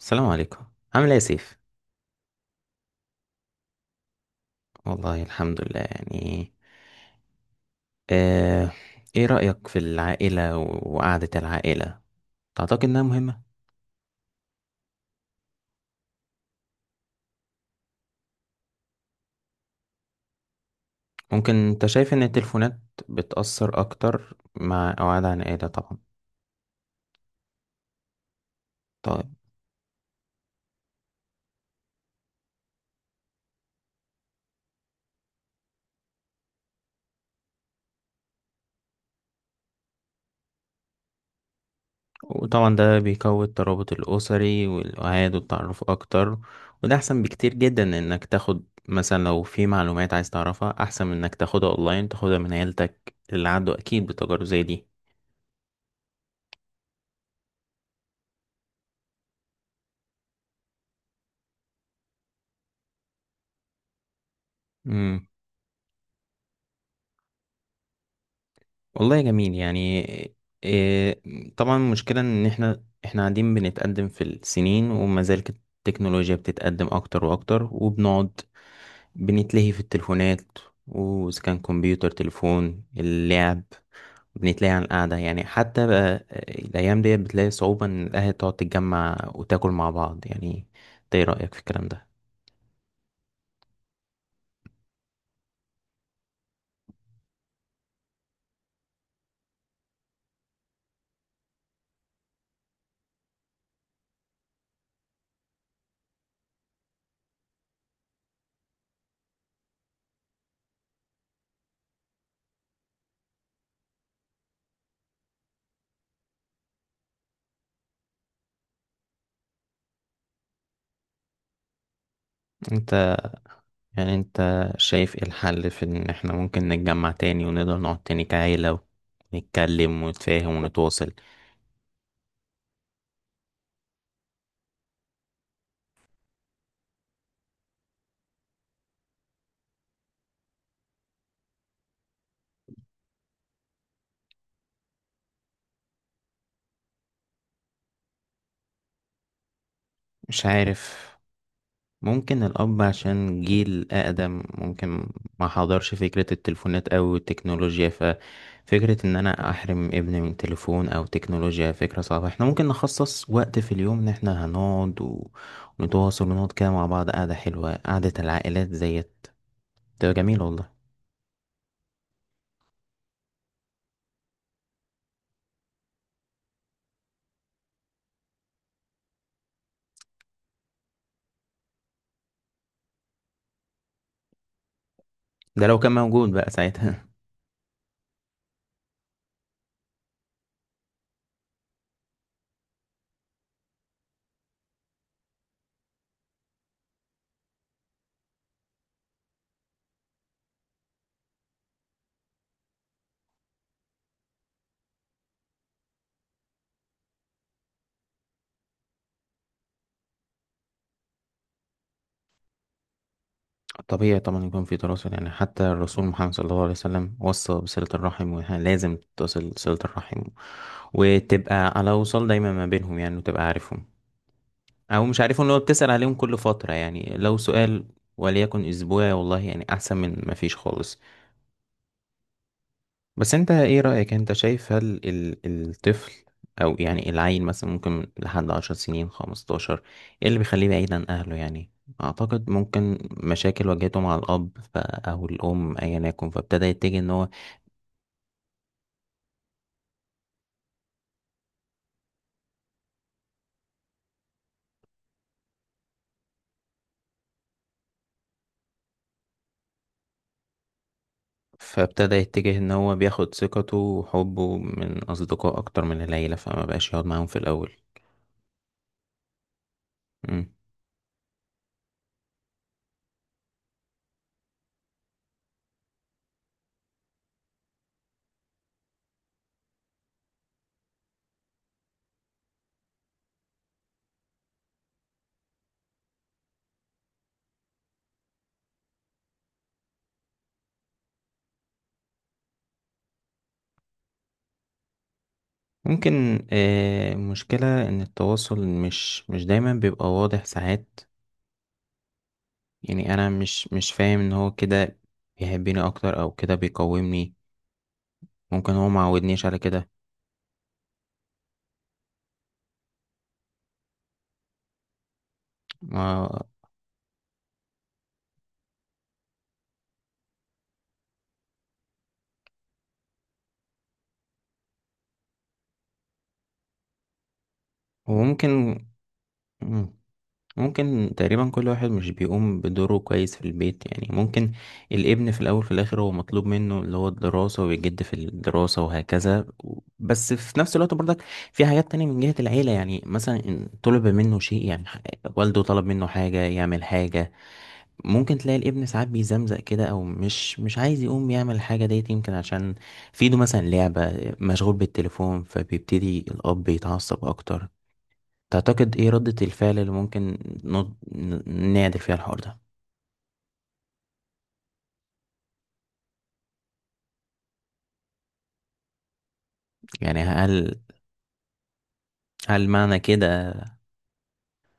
السلام عليكم. عامل ايه يا سيف؟ والله الحمد لله يعني. آه، ايه رأيك في العائلة وقعدة العائلة؟ تعتقد انها مهمة؟ ممكن. انت شايف ان التليفونات بتأثر اكتر مع قعدة عن عائلة؟ طبعا. طيب. وطبعا ده بيقوي الترابط الأسري والوعاد والتعرف اكتر. وده احسن بكتير جدا من انك تاخد مثلا، لو في معلومات عايز تعرفها احسن من انك تاخدها اونلاين تاخدها من عيلتك، اللي عنده اكيد بتجارب زي دي. والله جميل يعني. إيه. طبعا المشكلة ان احنا قاعدين بنتقدم في السنين، وما زال التكنولوجيا بتتقدم اكتر واكتر، وبنقعد بنتلهي في التليفونات، واذا كان كمبيوتر تليفون اللعب، بنتلهي عن القعدة يعني. حتى بقى الايام ديت بتلاقي صعوبة ان الاهل تقعد تتجمع وتاكل مع بعض يعني. إنت ايه رأيك في الكلام ده؟ يعني انت شايف ايه الحل في ان احنا ممكن نتجمع تاني ونقدر نقعد تاني كعيلة، ونتكلم ونتفاهم ونتواصل؟ مش عارف. ممكن الأب عشان جيل أقدم ممكن ما حضرش فكرة التليفونات أو التكنولوجيا، ففكرة إن أنا أحرم ابني من تليفون أو تكنولوجيا فكرة صعبة. احنا ممكن نخصص وقت في اليوم إن احنا هنقعد ونتواصل ونقعد كده مع بعض قعدة حلوة. قعدة العائلات زيت تبقى جميلة والله. ده لو كان موجود بقى ساعتها. طبيعي طبعا يكون في تواصل يعني، حتى الرسول محمد صلى الله عليه وسلم وصى بصلة الرحم، ولازم تتصل صلة الرحم وتبقى على وصل دايما ما بينهم يعني، وتبقى عارفهم او مش عارفهم. لو بتسأل عليهم كل فترة يعني، لو سؤال وليكن اسبوعي، والله يعني احسن من ما فيش خالص. بس انت ايه رأيك؟ انت شايف هل الطفل او يعني العيل مثلا، ممكن لحد 10 سنين 15، ايه اللي بيخليه بعيد عن اهله يعني؟ اعتقد ممكن مشاكل واجهته مع الاب او الام ايا يكن، فابتدى يتجه ان هو بياخد ثقته وحبه من اصدقاء اكتر من العيلة، فما بقاش يقعد معاهم في الاول. مم. ممكن. مشكلة ان التواصل مش دايما بيبقى واضح ساعات. يعني انا مش فاهم ان هو كده بيحبني اكتر، او كده بيقومني. ممكن هو ما عودنيش على كده. ما- وممكن. مم. ممكن تقريبا كل واحد مش بيقوم بدوره كويس في البيت يعني. ممكن الابن في الاول في الاخر هو مطلوب منه اللي هو الدراسة، ويجد في الدراسة وهكذا، بس في نفس الوقت برضك في حاجات تانية من جهة العيلة. يعني مثلا إن طلب منه شيء يعني، والده طلب منه حاجة يعمل حاجة، ممكن تلاقي الابن ساعات بيزمزق كده، او مش عايز يقوم يعمل الحاجه ديت، يمكن عشان في ايده مثلا لعبه مشغول بالتليفون، فبيبتدي الاب يتعصب اكتر. تعتقد ايه ردة الفعل اللي ممكن نعدل فيها الحوار ده؟ يعني هل معنى كده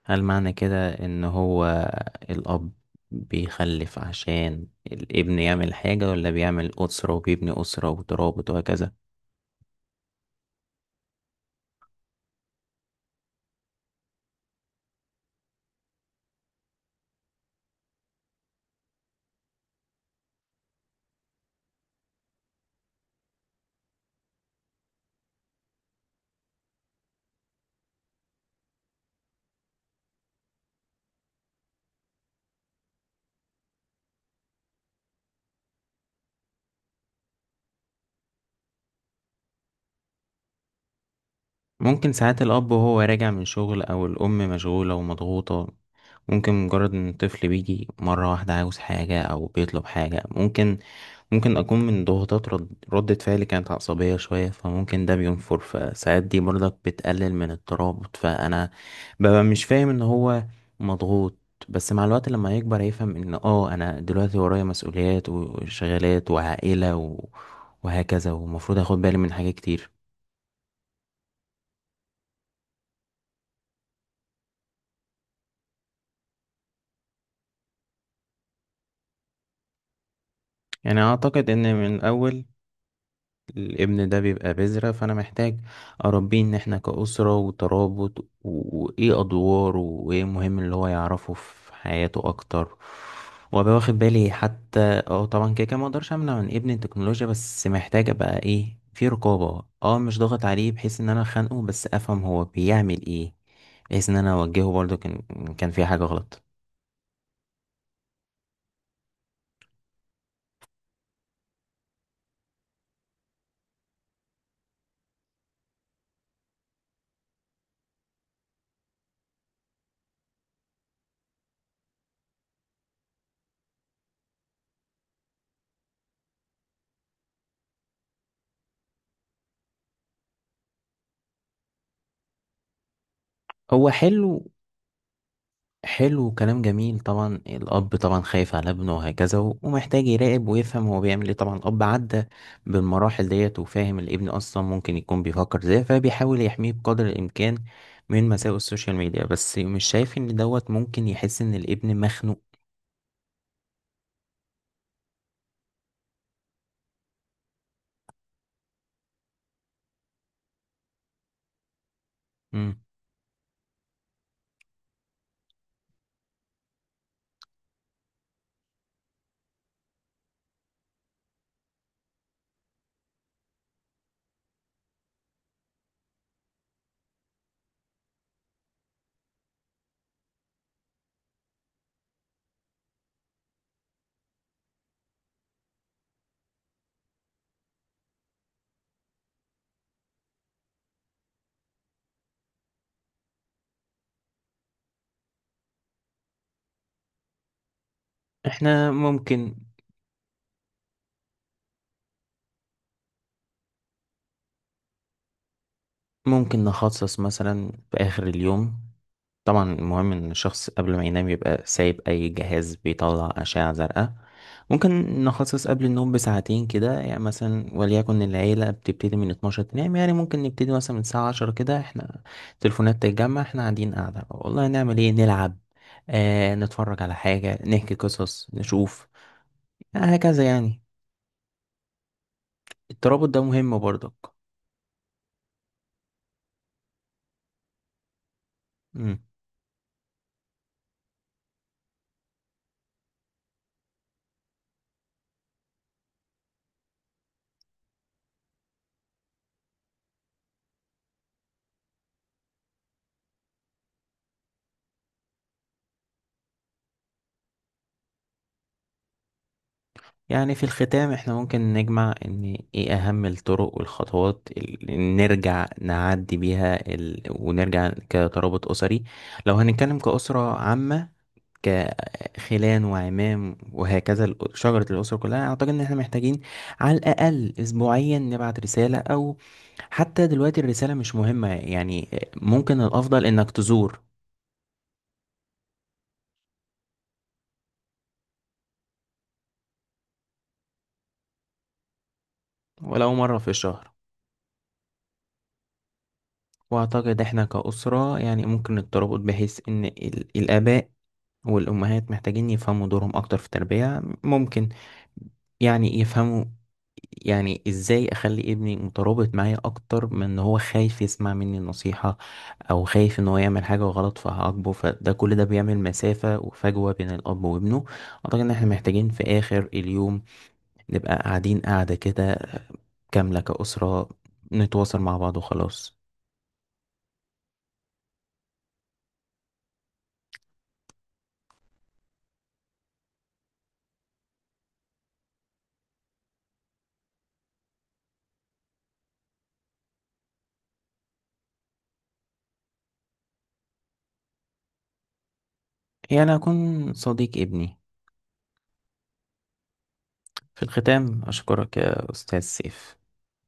هل معنى كده ان هو الاب بيخلف عشان الابن يعمل حاجة، ولا بيعمل أسرة وبيبني أسرة وترابط وهكذا؟ ممكن ساعات الأب وهو راجع من شغل، أو الأم مشغولة ومضغوطة، ممكن مجرد إن الطفل بيجي مرة واحدة عاوز حاجة أو بيطلب حاجة، ممكن أكون من ضغوطات ردة فعلي كانت عصبية شوية، فممكن ده بينفر، فساعات دي برضك بتقلل من الترابط. فأنا ببقى مش فاهم إن هو مضغوط. بس مع الوقت لما يكبر هيفهم إن أنا دلوقتي ورايا مسؤوليات وشغالات وعائلة وهكذا، ومفروض أخد بالي من حاجات كتير. يعني اعتقد ان من اول الابن ده بيبقى بذرة، فانا محتاج اربيه ان احنا كأسرة وترابط وايه ادواره، وايه مهم اللي هو يعرفه في حياته اكتر، وابقى واخد بالي حتى. اه طبعا كده كده ما اقدرش امنع من ابني التكنولوجيا، بس محتاج ابقى ايه في رقابة، مش ضاغط عليه بحيث ان انا خانقه، بس افهم هو بيعمل ايه، بحيث ان انا اوجهه برضه كان في حاجة غلط. هو حلو. حلو كلام جميل. طبعا الأب طبعا خايف على ابنه وهكذا، ومحتاج يراقب ويفهم هو بيعمل ايه. طبعا الأب عدى بالمراحل ديت وفاهم الابن أصلا ممكن يكون بيفكر ازاي، فبيحاول يحميه بقدر الإمكان من مساوئ السوشيال ميديا. بس مش شايف إن دوت ممكن يحس إن الابن مخنوق؟ مم. احنا ممكن نخصص مثلا في آخر اليوم. طبعا المهم إن الشخص قبل ما ينام يبقى سايب أي جهاز بيطلع أشعة زرقاء. ممكن نخصص قبل النوم بساعتين كده، يعني مثلا وليكن العيلة بتبتدي من 12 تنام، يعني ممكن نبتدي مثلا من الساعة 10 كده، احنا التليفونات تتجمع، احنا قاعدين قاعدة والله، نعمل ايه، نلعب، نتفرج على حاجة، نحكي قصص، نشوف يعني، هكذا يعني. الترابط ده مهم برضك. مم. يعني في الختام، احنا ممكن نجمع ان ايه اهم الطرق والخطوات اللي نرجع نعدي بيها ونرجع كترابط اسري. لو هنتكلم كأسرة عامة كخلان وعمام وهكذا، شجرة الأسرة كلها، أعتقد إن إحنا محتاجين على الأقل أسبوعيا نبعت رسالة، أو حتى دلوقتي الرسالة مش مهمة يعني. ممكن الأفضل إنك تزور ولو مرة في الشهر. وأعتقد إحنا كأسرة يعني ممكن الترابط، بحيث إن الآباء والأمهات محتاجين يفهموا دورهم أكتر في التربية. ممكن يعني يفهموا، يعني ازاي اخلي ابني مترابط معايا اكتر من ان هو خايف يسمع مني نصيحة، او خايف ان هو يعمل حاجة غلط فهعاقبه، فده كل ده بيعمل مسافة وفجوة بين الاب وابنه. اعتقد ان احنا محتاجين في اخر اليوم نبقى قاعدين قاعدة كده، كاملة كأسرة، نتواصل مع بعض وخلاص. يعني اكون صديق ابني. في الختام اشكرك يا استاذ سيف.